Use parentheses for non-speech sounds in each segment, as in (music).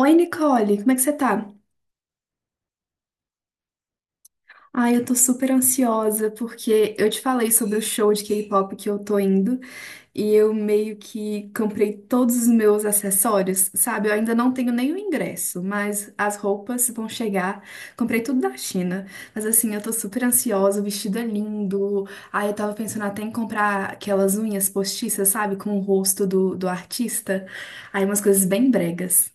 Oi, Nicole, como é que você tá? Ai, eu tô super ansiosa porque eu te falei sobre o show de K-pop que eu tô indo e eu meio que comprei todos os meus acessórios, sabe? Eu ainda não tenho nem o ingresso, mas as roupas vão chegar. Comprei tudo da China, mas assim, eu tô super ansiosa, o vestido é lindo. Ai, eu tava pensando até em comprar aquelas unhas postiças, sabe? Com o rosto do artista. Aí, umas coisas bem bregas.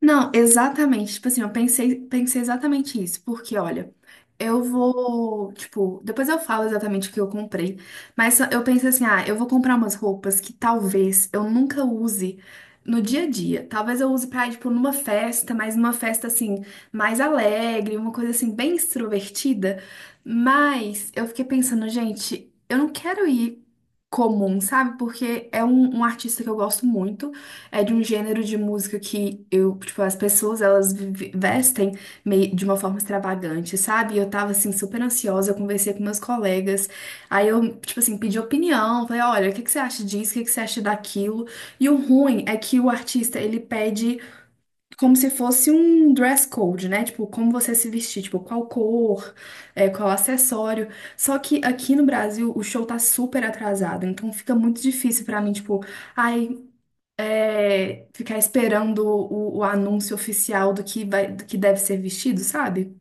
Não, exatamente. Tipo assim, eu pensei, pensei exatamente isso, porque olha, eu vou, tipo, depois eu falo exatamente o que eu comprei, mas eu pensei assim, ah, eu vou comprar umas roupas que talvez eu nunca use no dia a dia. Talvez eu use pra ir, tipo, numa festa, mas numa festa assim, mais alegre, uma coisa assim, bem extrovertida. Mas eu fiquei pensando, gente, eu não quero ir comum, sabe? Porque é um artista que eu gosto muito. É de um gênero de música que eu, tipo, as pessoas elas vestem meio, de uma forma extravagante, sabe? E eu tava assim super ansiosa, eu conversei com meus colegas, aí eu, tipo assim, pedi opinião, falei, olha, o que que você acha disso? O que que você acha daquilo? E o ruim é que o artista, ele pede como se fosse um dress code, né? Tipo, como você se vestir, tipo, qual cor, é, qual acessório. Só que aqui no Brasil o show tá super atrasado, então fica muito difícil pra mim, tipo, Ai, é, ficar esperando o anúncio oficial do que vai, do que deve ser vestido, sabe?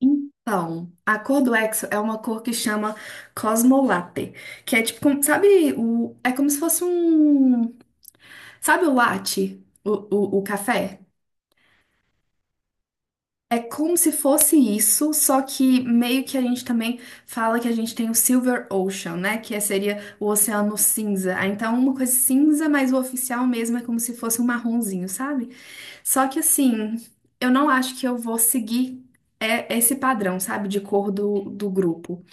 Então, a cor do Exo é uma cor que chama Cosmolatte, que é tipo, sabe, o, é como se fosse um, sabe o latte, o café? É como se fosse isso, só que meio que a gente também fala que a gente tem o Silver Ocean, né? Que é, seria o oceano cinza. Ah, então, uma coisa cinza, mas o oficial mesmo é como se fosse um marronzinho, sabe? Só que assim, eu não acho que eu vou seguir é, esse padrão, sabe, de cor do grupo.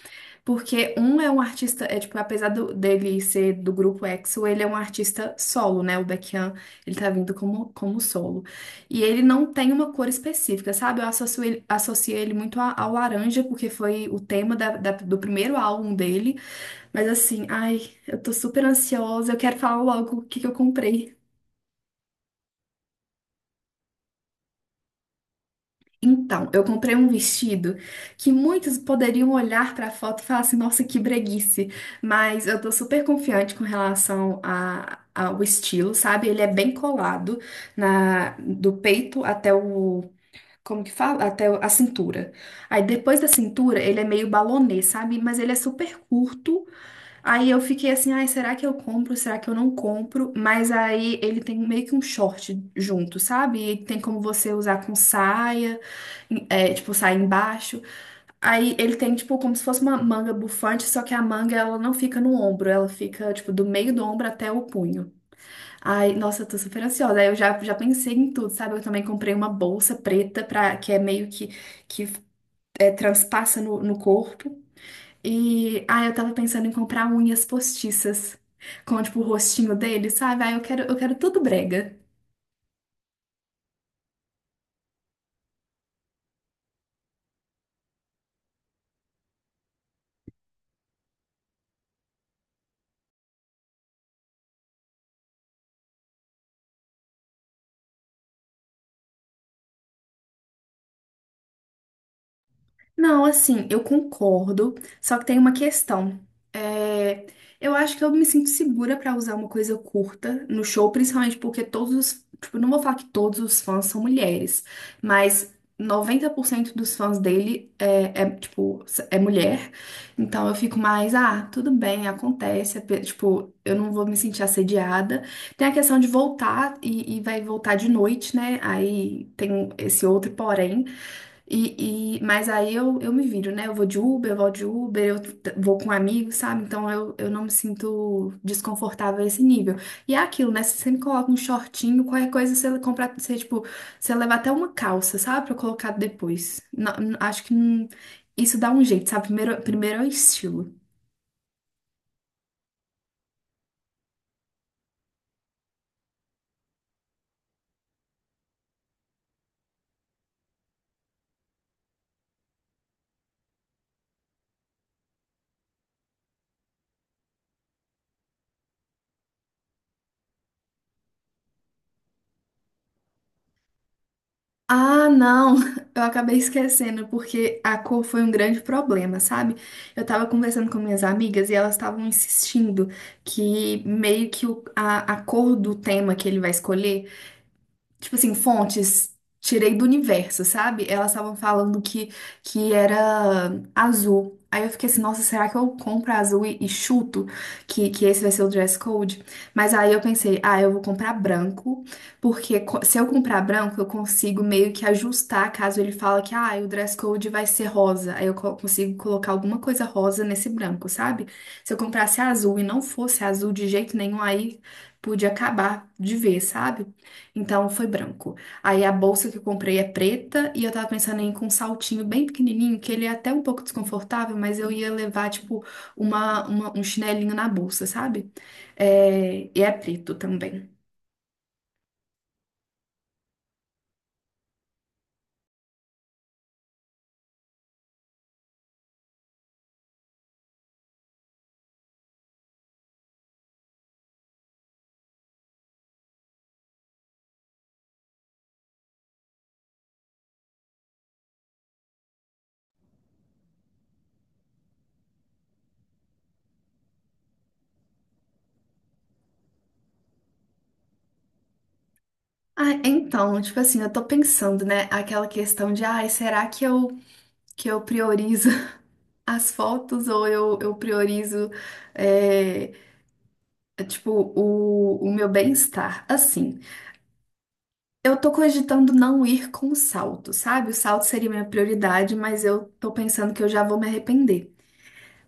Porque é um artista, é tipo, apesar dele ser do grupo EXO, ele é um artista solo, né? O Baekhyun, ele tá vindo como, como solo. E ele não tem uma cor específica, sabe? Eu associo ele muito ao laranja, porque foi o tema do primeiro álbum dele. Mas assim, ai, eu tô super ansiosa, eu quero falar logo o que que eu comprei. Então, eu comprei um vestido que muitos poderiam olhar para a foto e falar assim, nossa, que breguice. Mas eu tô super confiante com relação ao estilo, sabe? Ele é bem colado na do peito até o, como que fala? Até a cintura. Aí depois da cintura, ele é meio balonê, sabe? Mas ele é super curto. Aí eu fiquei assim, ai, será que eu compro? Será que eu não compro? Mas aí ele tem meio que um short junto, sabe? E tem como você usar com saia é, tipo, sai embaixo. Aí ele tem, tipo, como se fosse uma manga bufante, só que a manga, ela não fica no ombro, ela fica, tipo, do meio do ombro até o punho. Ai, nossa, eu tô super ansiosa. Aí eu já pensei em tudo, sabe? Eu também comprei uma bolsa preta, que é meio que é, transpassa no corpo. E, ai, eu tava pensando em comprar unhas postiças, com, tipo, o rostinho dele, sabe? Ai, eu quero tudo brega. Não, assim, eu concordo, só que tem uma questão. É, eu acho que eu me sinto segura pra usar uma coisa curta no show, principalmente porque todos os, tipo, não vou falar que todos os fãs são mulheres, mas 90% dos fãs dele é, tipo, é mulher. Então eu fico mais, ah, tudo bem, acontece, é tipo, eu não vou me sentir assediada. Tem a questão de voltar e vai voltar de noite, né? Aí tem esse outro porém. Mas aí eu me viro, né? Eu vou de Uber, eu vou de Uber, vou com amigos, sabe? Então eu não me sinto desconfortável a esse nível. E é aquilo, né? Você sempre coloca um shortinho, qualquer coisa você comprar, você, tipo, você leva até uma calça, sabe? Pra colocar depois. Não- não- acho que não- isso dá um jeito, sabe? Primeiro, é o estilo. Ah, não, (laughs) eu acabei esquecendo, porque a cor foi um grande problema, sabe? Eu tava conversando com minhas amigas e elas estavam insistindo que meio que a cor do tema que ele vai escolher tipo assim, fontes tirei do universo, sabe? Elas estavam falando que era azul. Aí eu fiquei assim, nossa, será que eu compro azul e chuto que esse vai ser o dress code? Mas aí eu pensei, ah, eu vou comprar branco, porque se eu comprar branco, eu consigo meio que ajustar caso ele fala que, ah, o dress code vai ser rosa. Aí eu consigo colocar alguma coisa rosa nesse branco, sabe? Se eu comprasse azul e não fosse azul de jeito nenhum, aí podia acabar de ver, sabe? Então foi branco. Aí a bolsa que eu comprei é preta e eu tava pensando em ir com um saltinho bem pequenininho, que ele é até um pouco desconfortável, mas eu ia levar, tipo, um chinelinho na bolsa, sabe? É, e é preto também. Ah, então, tipo assim, eu tô pensando, né, aquela questão de, ai, será que eu priorizo (laughs) as fotos ou eu priorizo, é, tipo, o meu bem-estar? Assim. Eu tô cogitando não ir com o salto, sabe? O salto seria minha prioridade, mas eu tô pensando que eu já vou me arrepender.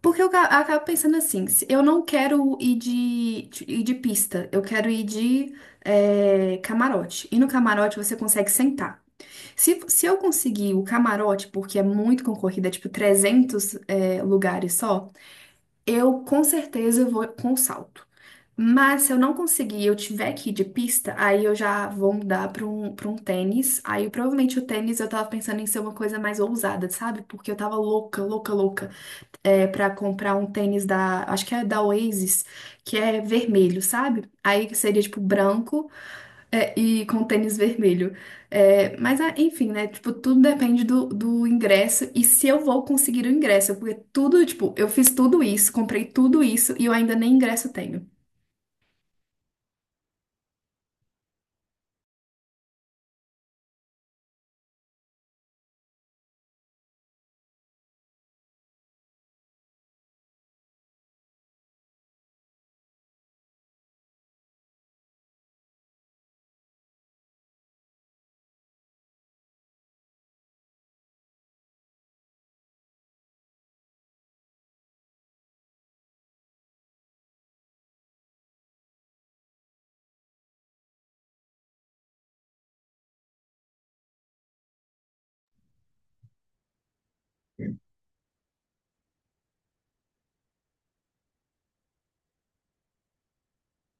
Porque eu acabo pensando assim, eu não quero ir ir de pista, eu quero ir de é, camarote. E no camarote você consegue sentar. Se eu conseguir o camarote, porque é muito concorrida, é tipo 300 é, lugares só, eu com certeza vou com salto. Mas se eu não conseguir, e eu tiver que ir de pista, aí eu já vou mudar para um tênis. Aí provavelmente o tênis eu tava pensando em ser uma coisa mais ousada, sabe? Porque eu tava louca, louca, louca é, para comprar um tênis da, acho que é da Oasis, que é vermelho, sabe? Aí seria tipo branco é, e com tênis vermelho. É, mas, ah, enfim, né? Tipo, tudo depende do ingresso e se eu vou conseguir o ingresso. Porque tudo, tipo, eu fiz tudo isso, comprei tudo isso e eu ainda nem ingresso tenho.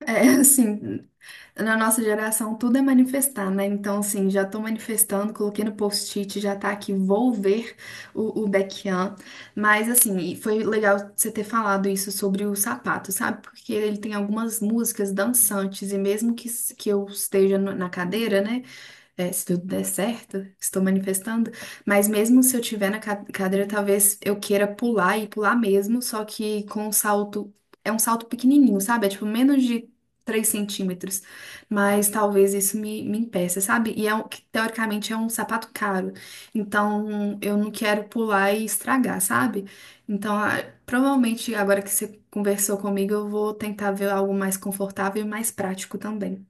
É, (laughs) assim. Na nossa geração, tudo é manifestar, né? Então, assim, já tô manifestando, coloquei no post-it, já tá aqui, vou ver o Baekhyun. Mas, assim, e foi legal você ter falado isso sobre o sapato, sabe? Porque ele tem algumas músicas dançantes, e mesmo que, que eu esteja na cadeira, né? É, se tudo der certo, estou manifestando. Mas mesmo se eu tiver na cadeira, talvez eu queira pular e pular mesmo, só que com um salto. É um salto pequenininho, sabe? É tipo menos de 3 centímetros mas talvez isso me impeça, sabe? E é um, que, teoricamente é um sapato caro, então eu não quero pular e estragar, sabe? Então, ah, provavelmente agora que você conversou comigo, eu vou tentar ver algo mais confortável e mais prático também.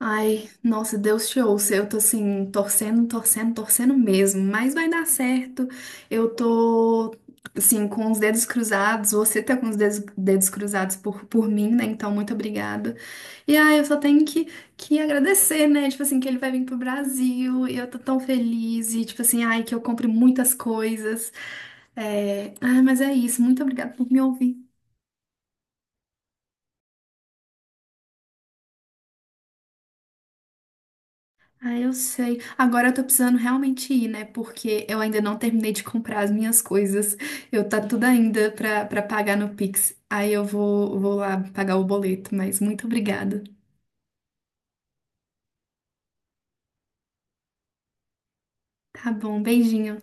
Ai, nossa, Deus te ouça. Eu tô assim, torcendo, torcendo, torcendo mesmo, mas vai dar certo. Eu tô, assim, com os dedos cruzados. Você tá com os dedos cruzados por mim, né? Então, muito obrigada. E ai, eu só tenho que agradecer, né? Tipo assim, que ele vai vir pro Brasil e eu tô tão feliz. E, tipo assim, ai, que eu compre muitas coisas. Ai, mas é isso. Muito obrigada por me ouvir. Ah, eu sei. Agora eu tô precisando realmente ir, né? Porque eu ainda não terminei de comprar as minhas coisas. Eu tá tudo ainda pra pagar no Pix. Aí eu vou lá pagar o boleto, mas muito obrigada. Tá bom, beijinho.